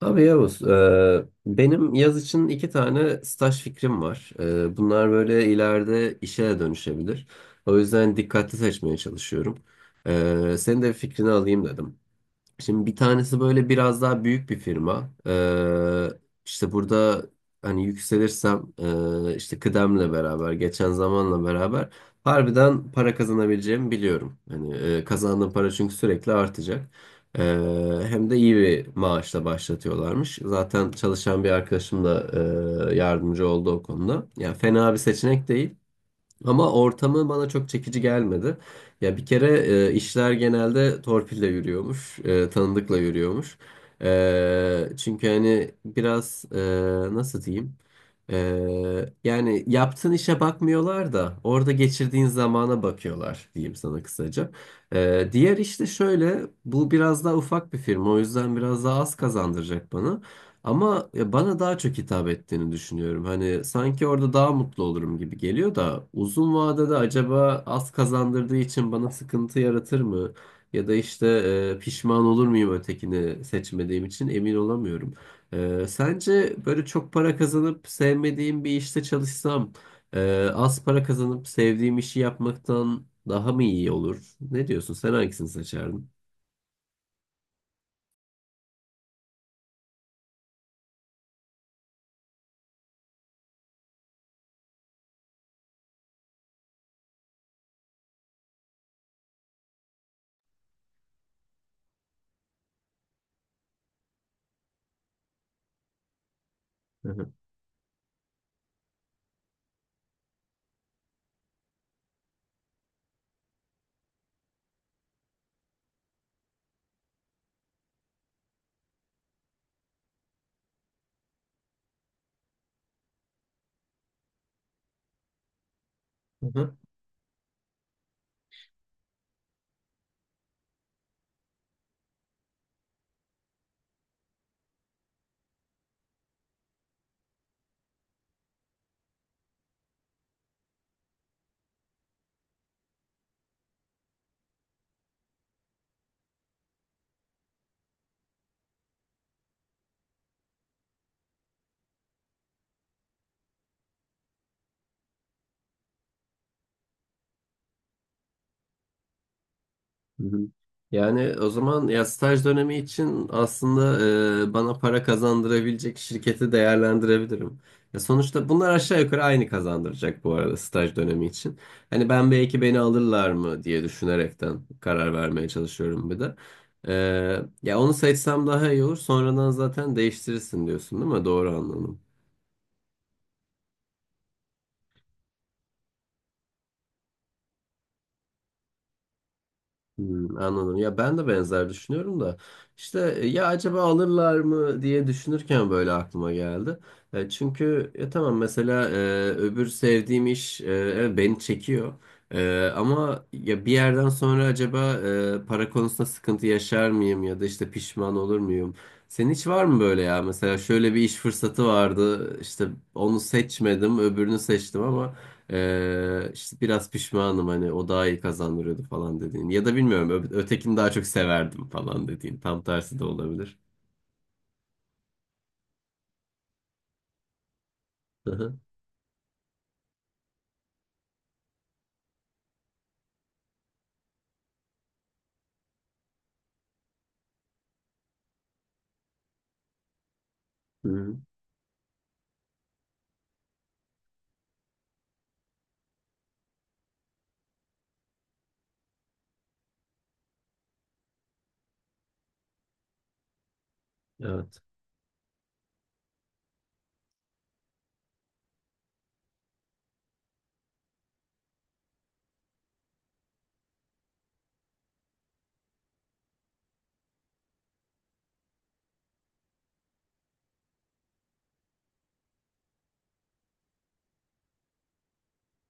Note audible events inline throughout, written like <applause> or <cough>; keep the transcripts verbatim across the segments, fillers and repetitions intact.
Abi Yavuz, e, benim yaz için iki tane staj fikrim var. E, bunlar böyle ileride işe de dönüşebilir. O yüzden dikkatli seçmeye çalışıyorum. E, senin de fikrini alayım dedim. Şimdi bir tanesi böyle biraz daha büyük bir firma. Ee, işte burada hani yükselirsem, e, işte kıdemle beraber, geçen zamanla beraber harbiden para kazanabileceğimi biliyorum. Hani e, kazandığım para çünkü sürekli artacak. Ee, Hem de iyi bir maaşla başlatıyorlarmış. Zaten çalışan bir arkadaşım da e, yardımcı oldu o konuda. Yani fena bir seçenek değil. Ama ortamı bana çok çekici gelmedi. Ya bir kere e, işler genelde torpille yürüyormuş, e, tanıdıkla yürüyormuş. E, çünkü hani biraz e, nasıl diyeyim? E, yani yaptığın işe bakmıyorlar da orada geçirdiğin zamana bakıyorlar diyeyim sana kısaca. E, diğer işte şöyle, bu biraz daha ufak bir firma, o yüzden biraz daha az kazandıracak bana. Ama ya bana daha çok hitap ettiğini düşünüyorum. Hani sanki orada daha mutlu olurum gibi geliyor da uzun vadede acaba az kazandırdığı için bana sıkıntı yaratır mı? Ya da işte e, pişman olur muyum ötekini seçmediğim için emin olamıyorum. E, sence böyle çok para kazanıp sevmediğim bir işte çalışsam e, az para kazanıp sevdiğim işi yapmaktan daha mı iyi olur? Ne diyorsun? Sen hangisini seçerdin? Hı hı. Hı hı. Yani o zaman ya staj dönemi için aslında e, bana para kazandırabilecek şirketi değerlendirebilirim. Ya sonuçta bunlar aşağı yukarı aynı kazandıracak bu arada staj dönemi için. Hani ben belki beni alırlar mı diye düşünerekten karar vermeye çalışıyorum bir de. E, Ya onu seçsem daha iyi olur. Sonradan zaten değiştirirsin diyorsun değil mi? Doğru anladım. Hmm, anladım. Ya ben de benzer düşünüyorum da işte, e, ya acaba alırlar mı diye düşünürken böyle aklıma geldi. E, çünkü ya tamam mesela e, öbür sevdiğim iş, e, evet beni çekiyor. E, ama ya bir yerden sonra acaba e, para konusunda sıkıntı yaşar mıyım ya da işte pişman olur muyum? Senin hiç var mı böyle ya? Mesela şöyle bir iş fırsatı vardı. İşte onu seçmedim, öbürünü seçtim ama ee, işte biraz pişmanım hani o daha iyi kazandırıyordu falan dediğin. Ya da bilmiyorum ö- ötekini daha çok severdim falan dediğin. Tam tersi de olabilir. Hı hı. Hı hı. Evet.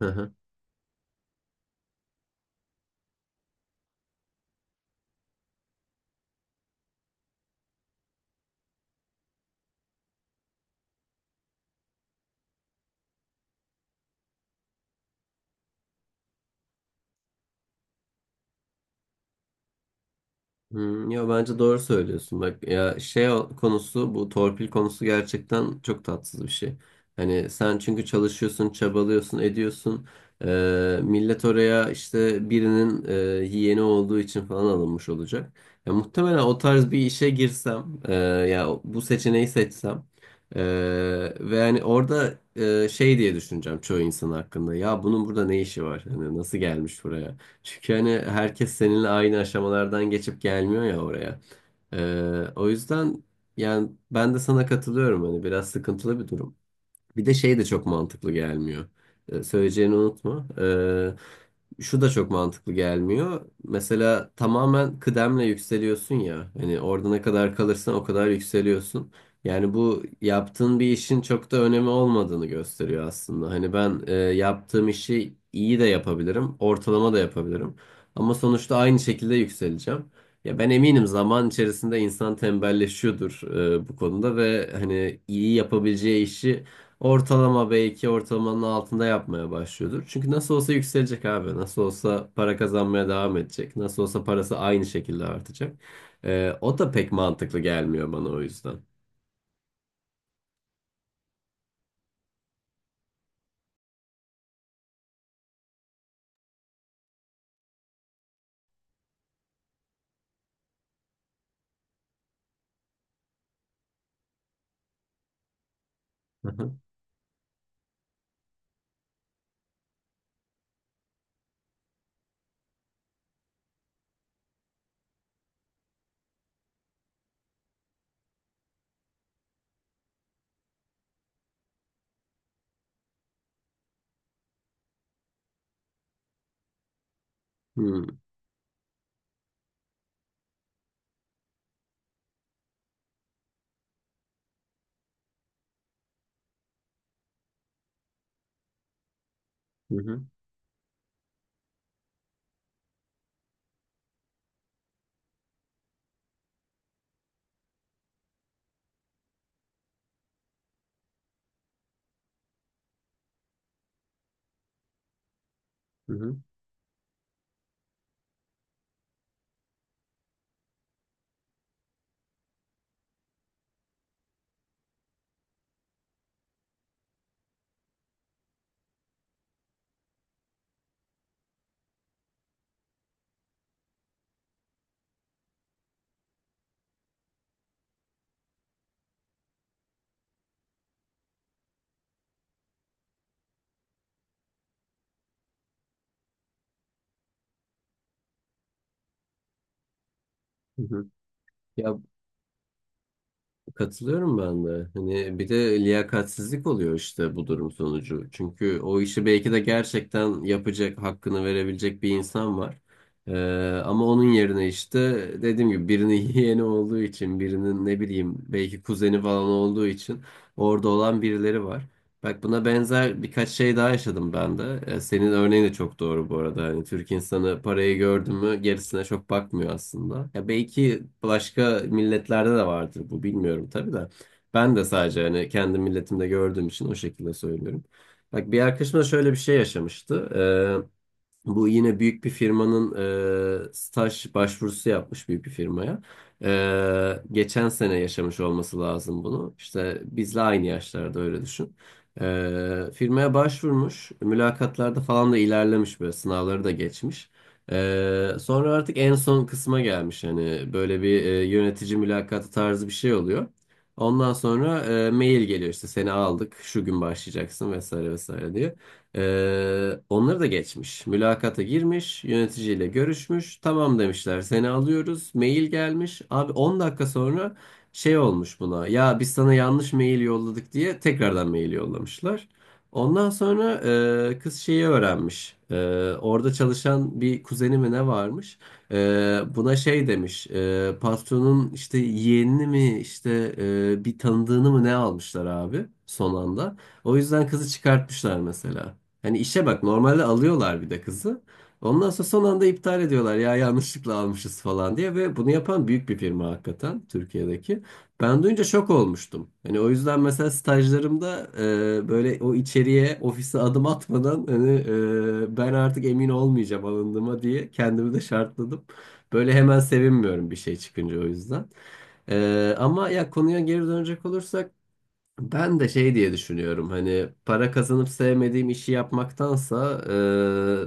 <laughs> Hmm, ya bence doğru söylüyorsun bak ya şey o- konusu, bu torpil konusu gerçekten çok tatsız bir şey. Hani sen çünkü çalışıyorsun, çabalıyorsun, ediyorsun. Ee, millet oraya işte birinin e, yeğeni olduğu için falan alınmış olacak. Ya muhtemelen o tarz bir işe girsem, e, ya bu seçeneği seçsem e, ve yani orada e, şey diye düşüneceğim çoğu insan hakkında. Ya bunun burada ne işi var? Hani nasıl gelmiş buraya? Çünkü hani herkes seninle aynı aşamalardan geçip gelmiyor ya oraya. Ee, o yüzden yani ben de sana katılıyorum, hani biraz sıkıntılı bir durum. Bir de şey de çok mantıklı gelmiyor. Ee, söyleyeceğini unutma. Ee, şu da çok mantıklı gelmiyor. Mesela tamamen kıdemle yükseliyorsun ya. Hani orada ne kadar kalırsan o kadar yükseliyorsun. Yani bu yaptığın bir işin çok da önemi olmadığını gösteriyor aslında. Hani ben e, yaptığım işi iyi de yapabilirim, ortalama da yapabilirim. Ama sonuçta aynı şekilde yükseleceğim. Ya ben eminim zaman içerisinde insan tembelleşiyordur e, bu konuda ve hani iyi yapabileceği işi ortalama, belki ortalamanın altında yapmaya başlıyordur. Çünkü nasıl olsa yükselecek abi. Nasıl olsa para kazanmaya devam edecek. Nasıl olsa parası aynı şekilde artacak. Ee, o da pek mantıklı gelmiyor bana o yüzden. Hı hı. Hı hı. Hı hı. Hı hı. Ya, katılıyorum ben de. Hani bir de liyakatsizlik oluyor işte bu durum sonucu. Çünkü o işi belki de gerçekten yapacak, hakkını verebilecek bir insan var. Ee, Ama onun yerine işte, dediğim gibi, birinin <laughs> yeğeni olduğu için, birinin ne bileyim belki kuzeni falan olduğu için orada olan birileri var. Bak, buna benzer birkaç şey daha yaşadım ben de. E, senin örneğin de çok doğru bu arada. Hani Türk insanı parayı gördü mü gerisine çok bakmıyor aslında. Ya belki başka milletlerde de vardır bu, bilmiyorum tabii de. Ben de sadece hani kendi milletimde gördüğüm için o şekilde söylüyorum. Bak, bir arkadaşım da şöyle bir şey yaşamıştı. E, Bu yine büyük bir firmanın, e, staj başvurusu yapmış büyük bir firmaya. E, geçen sene yaşamış olması lazım bunu. İşte bizle aynı yaşlarda öyle düşün. E, firmaya başvurmuş. Mülakatlarda falan da ilerlemiş böyle, sınavları da geçmiş. E, sonra artık en son kısma gelmiş. Hani böyle bir e, yönetici mülakatı tarzı bir şey oluyor. Ondan sonra e, mail geliyor işte, seni aldık şu gün başlayacaksın vesaire vesaire diye. Ee, onları da geçmiş. Mülakata girmiş, yöneticiyle görüşmüş. Tamam demişler, seni alıyoruz. Mail gelmiş. Abi on dakika sonra şey olmuş buna. Ya biz sana yanlış mail yolladık diye tekrardan mail yollamışlar. Ondan sonra e, kız şeyi öğrenmiş. E, orada çalışan bir kuzeni mi ne varmış? E, Buna şey demiş. E, patronun işte yeğenini mi, işte e, bir tanıdığını mı ne almışlar abi son anda. O yüzden kızı çıkartmışlar mesela. Hani işe bak, normalde alıyorlar bir de kızı. Ondan sonra son anda iptal ediyorlar, ya yanlışlıkla almışız falan diye, ve bunu yapan büyük bir firma hakikaten Türkiye'deki. Ben duyunca şok olmuştum. Hani o yüzden mesela stajlarımda e, böyle o içeriye ofise adım atmadan hani, e, ben artık emin olmayacağım alındığıma diye kendimi de şartladım. Böyle hemen sevinmiyorum bir şey çıkınca o yüzden. E, ama ya konuya geri dönecek olursak, ben de şey diye düşünüyorum: hani para kazanıp sevmediğim işi yapmaktansa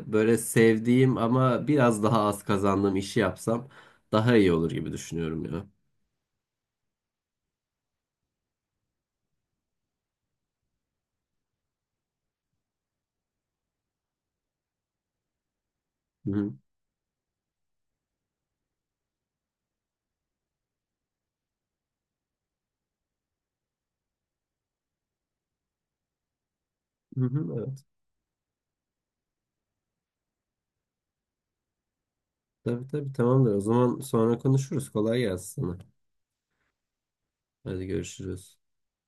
e, böyle sevdiğim ama biraz daha az kazandığım işi yapsam daha iyi olur gibi düşünüyorum ya. Hı hı. Hı hı, evet. Tabii tabii, tamamdır. O zaman sonra konuşuruz. Kolay gelsin sana. Hadi görüşürüz.